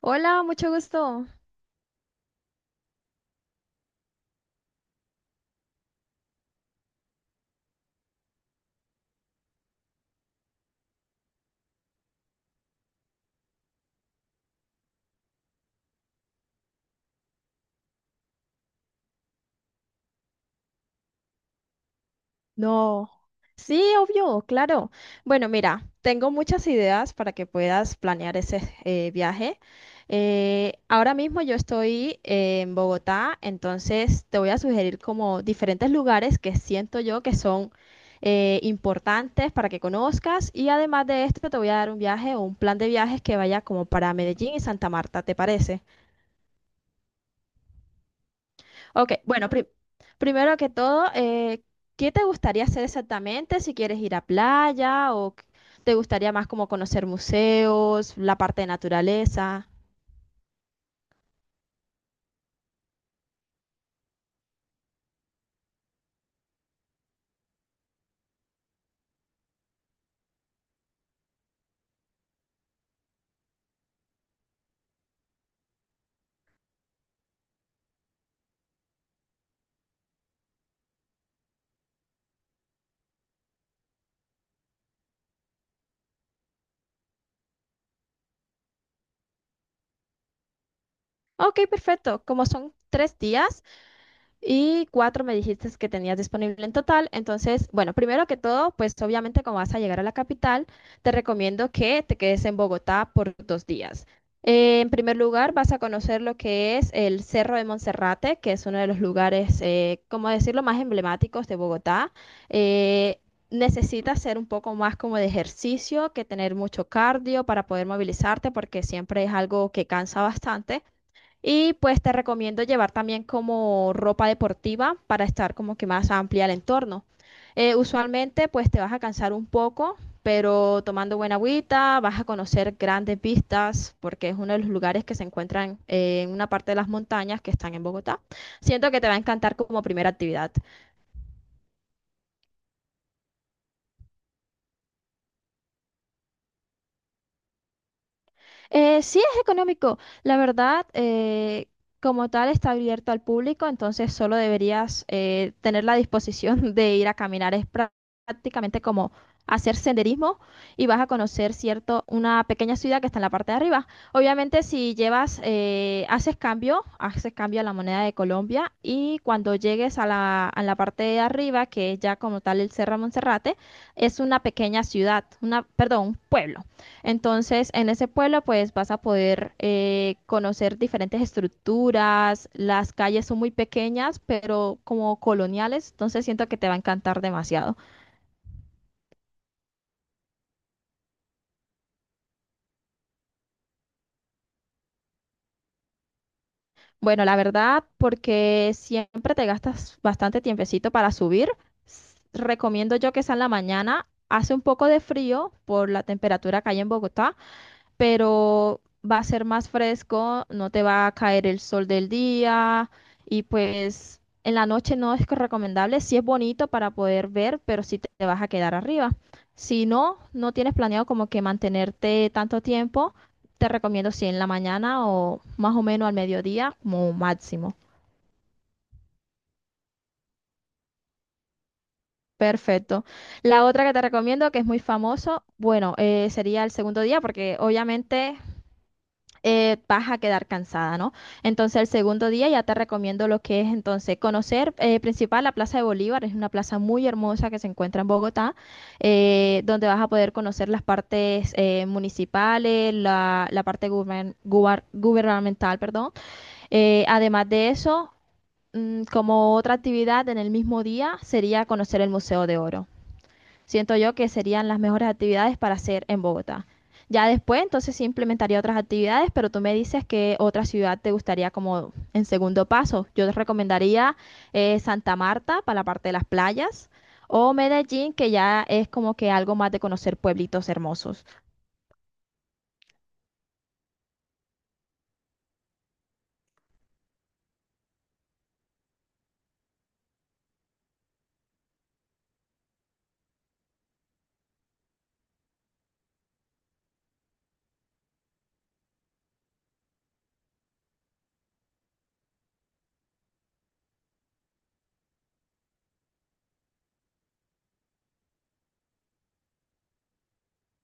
Hola, mucho gusto. No, sí, obvio, claro. Bueno, mira, tengo muchas ideas para que puedas planear ese viaje. Ahora mismo yo estoy en Bogotá, entonces te voy a sugerir como diferentes lugares que siento yo que son importantes para que conozcas, y además de esto te voy a dar un viaje o un plan de viajes que vaya como para Medellín y Santa Marta, ¿te parece? Ok, bueno, primero que todo, ¿qué te gustaría hacer exactamente? Si quieres ir a playa, o te gustaría más como conocer museos, la parte de naturaleza. Ok, perfecto. Como son 3 días, y 4 me dijiste que tenías disponible en total. Entonces, bueno, primero que todo, pues obviamente como vas a llegar a la capital, te recomiendo que te quedes en Bogotá por 2 días. En primer lugar, vas a conocer lo que es el Cerro de Monserrate, que es uno de los lugares, como decirlo, más emblemáticos de Bogotá. Eh, Necesitas hacer un poco más como de ejercicio, que tener mucho cardio para poder movilizarte, porque siempre es algo que cansa bastante. Y pues te recomiendo llevar también como ropa deportiva para estar como que más amplia el entorno. Usualmente pues te vas a cansar un poco, pero tomando buena agüita vas a conocer grandes vistas, porque es uno de los lugares que se encuentran en una parte de las montañas que están en Bogotá. Siento que te va a encantar como primera actividad. Sí, es económico. La verdad, como tal, está abierto al público, entonces solo deberías tener la disposición de ir a caminar. Es prácticamente como hacer senderismo, y vas a conocer, cierto, una pequeña ciudad que está en la parte de arriba. Obviamente, si llevas, haces cambio a la moneda de Colombia, y cuando llegues a la parte de arriba, que es ya como tal el Cerro Monserrate, es una pequeña ciudad, una, perdón, un pueblo. Entonces, en ese pueblo, pues vas a poder conocer diferentes estructuras. Las calles son muy pequeñas, pero como coloniales, entonces siento que te va a encantar demasiado. Bueno, la verdad, porque siempre te gastas bastante tiempecito para subir, recomiendo yo que sea en la mañana. Hace un poco de frío por la temperatura que hay en Bogotá, pero va a ser más fresco, no te va a caer el sol del día, y pues en la noche no es que recomendable, sí es bonito para poder ver, pero sí te vas a quedar arriba. Si no, no tienes planeado como que mantenerte tanto tiempo, te recomiendo si en la mañana o más o menos al mediodía como máximo. Perfecto. La otra que te recomiendo, que es muy famoso, bueno, sería el segundo día, porque obviamente vas a quedar cansada, ¿no? Entonces, el segundo día ya te recomiendo lo que es entonces conocer principal la Plaza de Bolívar, es una plaza muy hermosa que se encuentra en Bogotá, donde vas a poder conocer las partes municipales, la parte gubernamental, perdón. Además de eso, como otra actividad en el mismo día sería conocer el Museo de Oro. Siento yo que serían las mejores actividades para hacer en Bogotá. Ya después, entonces sí implementaría otras actividades, pero tú me dices que otra ciudad te gustaría como en segundo paso. Yo te recomendaría Santa Marta para la parte de las playas, o Medellín, que ya es como que algo más de conocer pueblitos hermosos.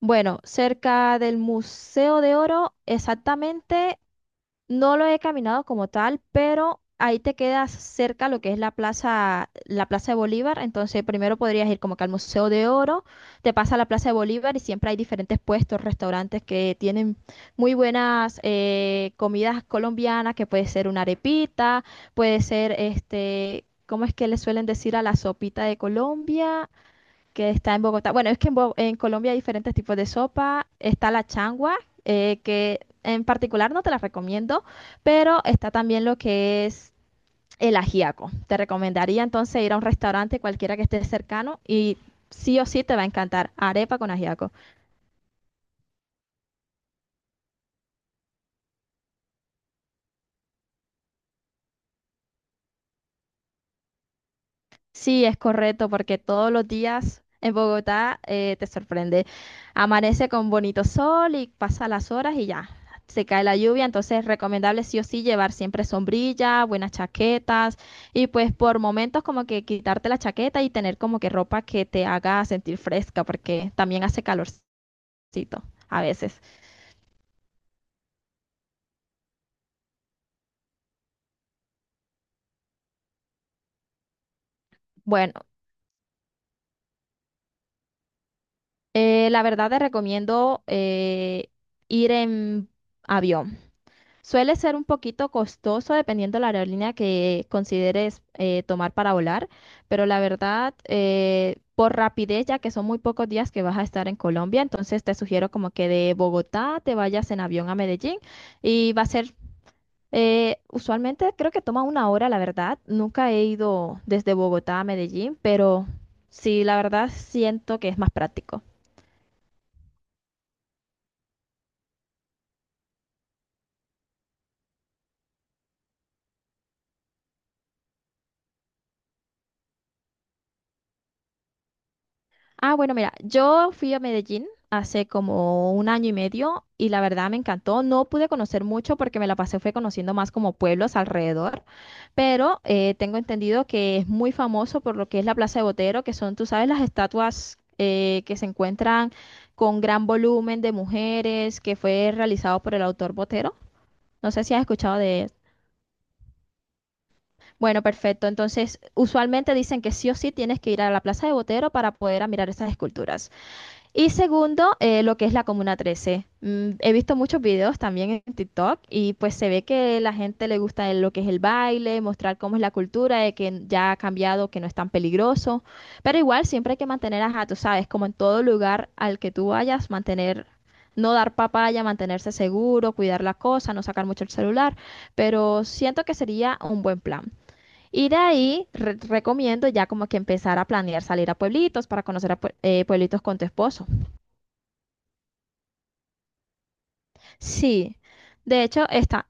Bueno, cerca del Museo de Oro, exactamente no lo he caminado como tal, pero ahí te quedas cerca lo que es la Plaza de Bolívar. Entonces, primero podrías ir como que al Museo de Oro, te pasa a la Plaza de Bolívar, y siempre hay diferentes puestos, restaurantes que tienen muy buenas comidas colombianas, que puede ser una arepita, puede ser este, ¿cómo es que le suelen decir a la sopita de Colombia que está en Bogotá? Bueno, es que en Colombia hay diferentes tipos de sopa. Está la changua, que en particular no te la recomiendo, pero está también lo que es el ajiaco. Te recomendaría entonces ir a un restaurante cualquiera que esté cercano, y sí o sí te va a encantar arepa con ajiaco. Sí, es correcto, porque todos los días en Bogotá te sorprende. Amanece con bonito sol y pasa las horas y ya, se cae la lluvia, entonces es recomendable sí o sí llevar siempre sombrilla, buenas chaquetas, y pues por momentos como que quitarte la chaqueta y tener como que ropa que te haga sentir fresca, porque también hace calorcito a veces. Bueno, la verdad te recomiendo ir en avión. Suele ser un poquito costoso dependiendo la aerolínea que consideres tomar para volar, pero la verdad, por rapidez, ya que son muy pocos días que vas a estar en Colombia, entonces te sugiero como que de Bogotá te vayas en avión a Medellín, y va a ser, usualmente creo que toma una hora, la verdad. Nunca he ido desde Bogotá a Medellín, pero sí, la verdad siento que es más práctico. Ah, bueno, mira, yo fui a Medellín hace como un año y medio y la verdad me encantó. No pude conocer mucho porque me la pasé fue conociendo más como pueblos alrededor, pero tengo entendido que es muy famoso por lo que es la Plaza de Botero, que son, tú sabes, las estatuas que se encuentran con gran volumen de mujeres, que fue realizado por el autor Botero. No sé si has escuchado de... él. Bueno, perfecto. Entonces, usualmente dicen que sí o sí tienes que ir a la Plaza de Botero para poder admirar esas esculturas. Y segundo, lo que es la Comuna 13. He visto muchos videos también en TikTok, y pues se ve que la gente le gusta lo que es el baile, mostrar cómo es la cultura, de que ya ha cambiado, que no es tan peligroso. Pero igual siempre hay que mantener, ajá, tú sabes, como en todo lugar al que tú vayas, mantener, no dar papaya, mantenerse seguro, cuidar la cosa, no sacar mucho el celular. Pero siento que sería un buen plan. Y de ahí recomiendo ya como que empezar a planear salir a pueblitos, para conocer a pueblitos con tu esposo. Sí, de hecho está,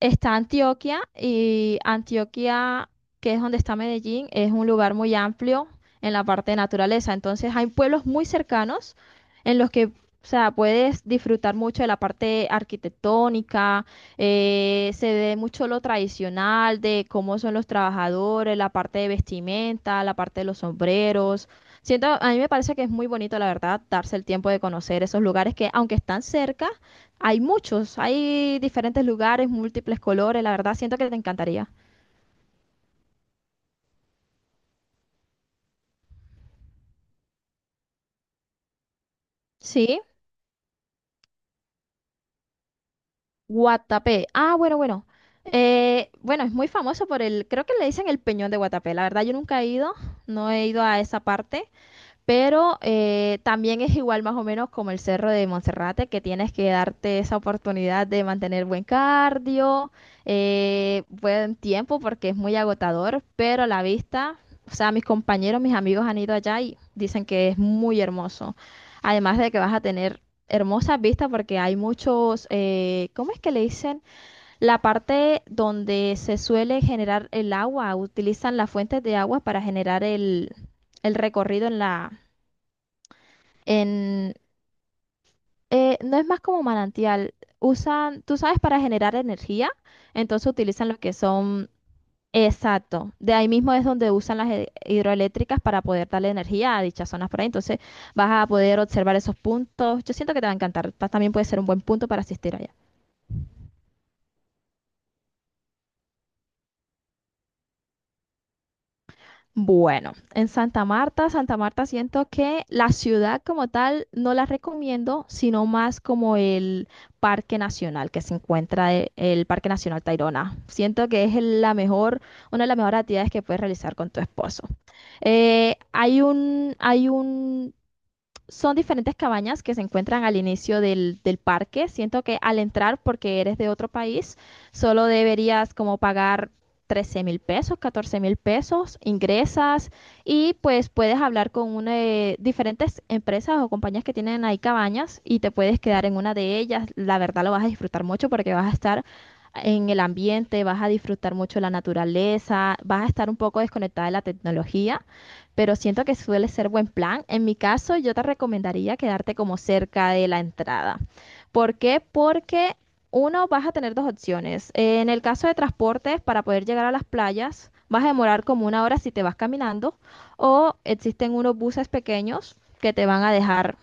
está Antioquia, y Antioquia, que es donde está Medellín, es un lugar muy amplio en la parte de naturaleza. Entonces hay pueblos muy cercanos en los que, o sea, puedes disfrutar mucho de la parte arquitectónica, se ve mucho lo tradicional de cómo son los trabajadores, la parte de vestimenta, la parte de los sombreros. Siento, a mí me parece que es muy bonito, la verdad, darse el tiempo de conocer esos lugares que, aunque están cerca, hay muchos, hay diferentes lugares, múltiples colores, la verdad siento que te encantaría. Sí, Guatapé. Ah, bueno, bueno. Bueno, es muy famoso por el, creo que le dicen el Peñón de Guatapé. La verdad yo nunca he ido, no he ido a esa parte, pero también es igual más o menos como el Cerro de Monserrate, que tienes que darte esa oportunidad de mantener buen cardio, buen tiempo, porque es muy agotador, pero la vista, o sea, mis compañeros, mis amigos han ido allá y dicen que es muy hermoso. Además de que vas a tener hermosas vistas porque hay muchos, ¿cómo es que le dicen? La parte donde se suele generar el agua, utilizan las fuentes de agua para generar el recorrido en en, no, es más como manantial. Usan, tú sabes, para generar energía, entonces utilizan lo que son, exacto. De ahí mismo es donde usan las hidroeléctricas para poder darle energía a dichas zonas por ahí. Entonces vas a poder observar esos puntos. Yo siento que te va a encantar. También puede ser un buen punto para asistir allá. Bueno, en Santa Marta, Santa Marta siento que la ciudad como tal no la recomiendo, sino más como el Parque Nacional que se encuentra, el Parque Nacional Tayrona. Siento que es la mejor, una de las mejores actividades que puedes realizar con tu esposo. Hay un son diferentes cabañas que se encuentran al inicio del parque. Siento que al entrar, porque eres de otro país, solo deberías como pagar 13 mil pesos, 14 mil pesos, ingresas, y pues puedes hablar con una de diferentes empresas o compañías que tienen ahí cabañas, y te puedes quedar en una de ellas. La verdad lo vas a disfrutar mucho porque vas a estar en el ambiente, vas a disfrutar mucho la naturaleza, vas a estar un poco desconectada de la tecnología, pero siento que suele ser buen plan. En mi caso, yo te recomendaría quedarte como cerca de la entrada. ¿Por qué? Porque uno, vas a tener dos opciones. En el caso de transportes, para poder llegar a las playas, vas a demorar como una hora si te vas caminando, o existen unos buses pequeños que te van a dejar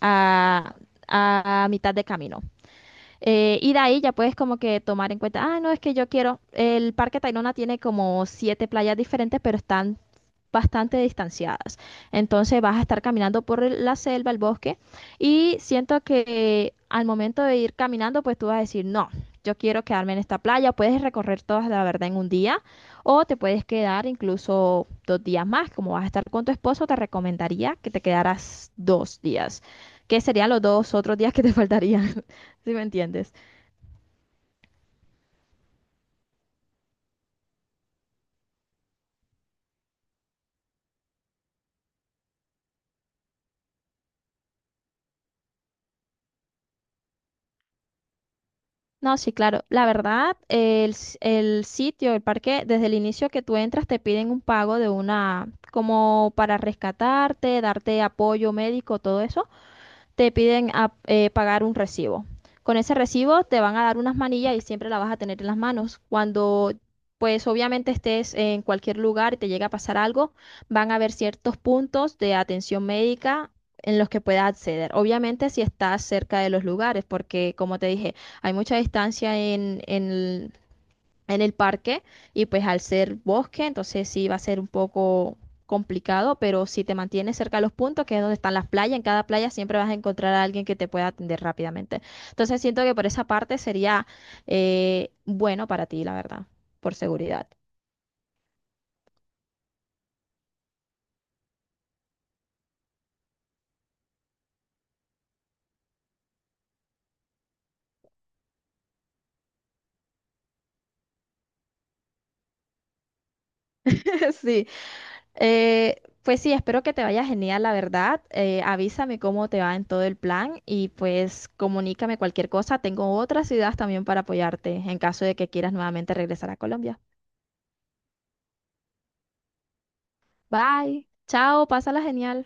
a, a mitad de camino. Y de ahí ya puedes como que tomar en cuenta, ah, no, es que yo quiero, el Parque Tayrona tiene como siete playas diferentes, pero están bastante distanciadas. Entonces vas a estar caminando por la selva, el bosque, y siento que al momento de ir caminando, pues tú vas a decir, no, yo quiero quedarme en esta playa, puedes recorrer todas la verdad en un día, o te puedes quedar incluso 2 días más, como vas a estar con tu esposo, te recomendaría que te quedaras 2 días, que serían los 2 otros días que te faltarían, si me entiendes. No, sí, claro. La verdad, el sitio, el parque, desde el inicio que tú entras, te piden un pago de una, como para rescatarte, darte apoyo médico, todo eso te piden pagar un recibo. Con ese recibo te van a dar unas manillas y siempre la vas a tener en las manos. Cuando, pues obviamente estés en cualquier lugar y te llega a pasar algo, van a haber ciertos puntos de atención médica en los que puedas acceder. Obviamente si estás cerca de los lugares, porque como te dije, hay mucha distancia en el parque, y pues al ser bosque, entonces sí va a ser un poco complicado, pero si te mantienes cerca de los puntos, que es donde están las playas, en cada playa siempre vas a encontrar a alguien que te pueda atender rápidamente. Entonces siento que por esa parte sería bueno para ti, la verdad, por seguridad. Sí. Pues sí, espero que te vaya genial, la verdad. Avísame cómo te va en todo el plan y pues comunícame cualquier cosa. Tengo otras ideas también para apoyarte en caso de que quieras nuevamente regresar a Colombia. Bye. Chao, pásala genial.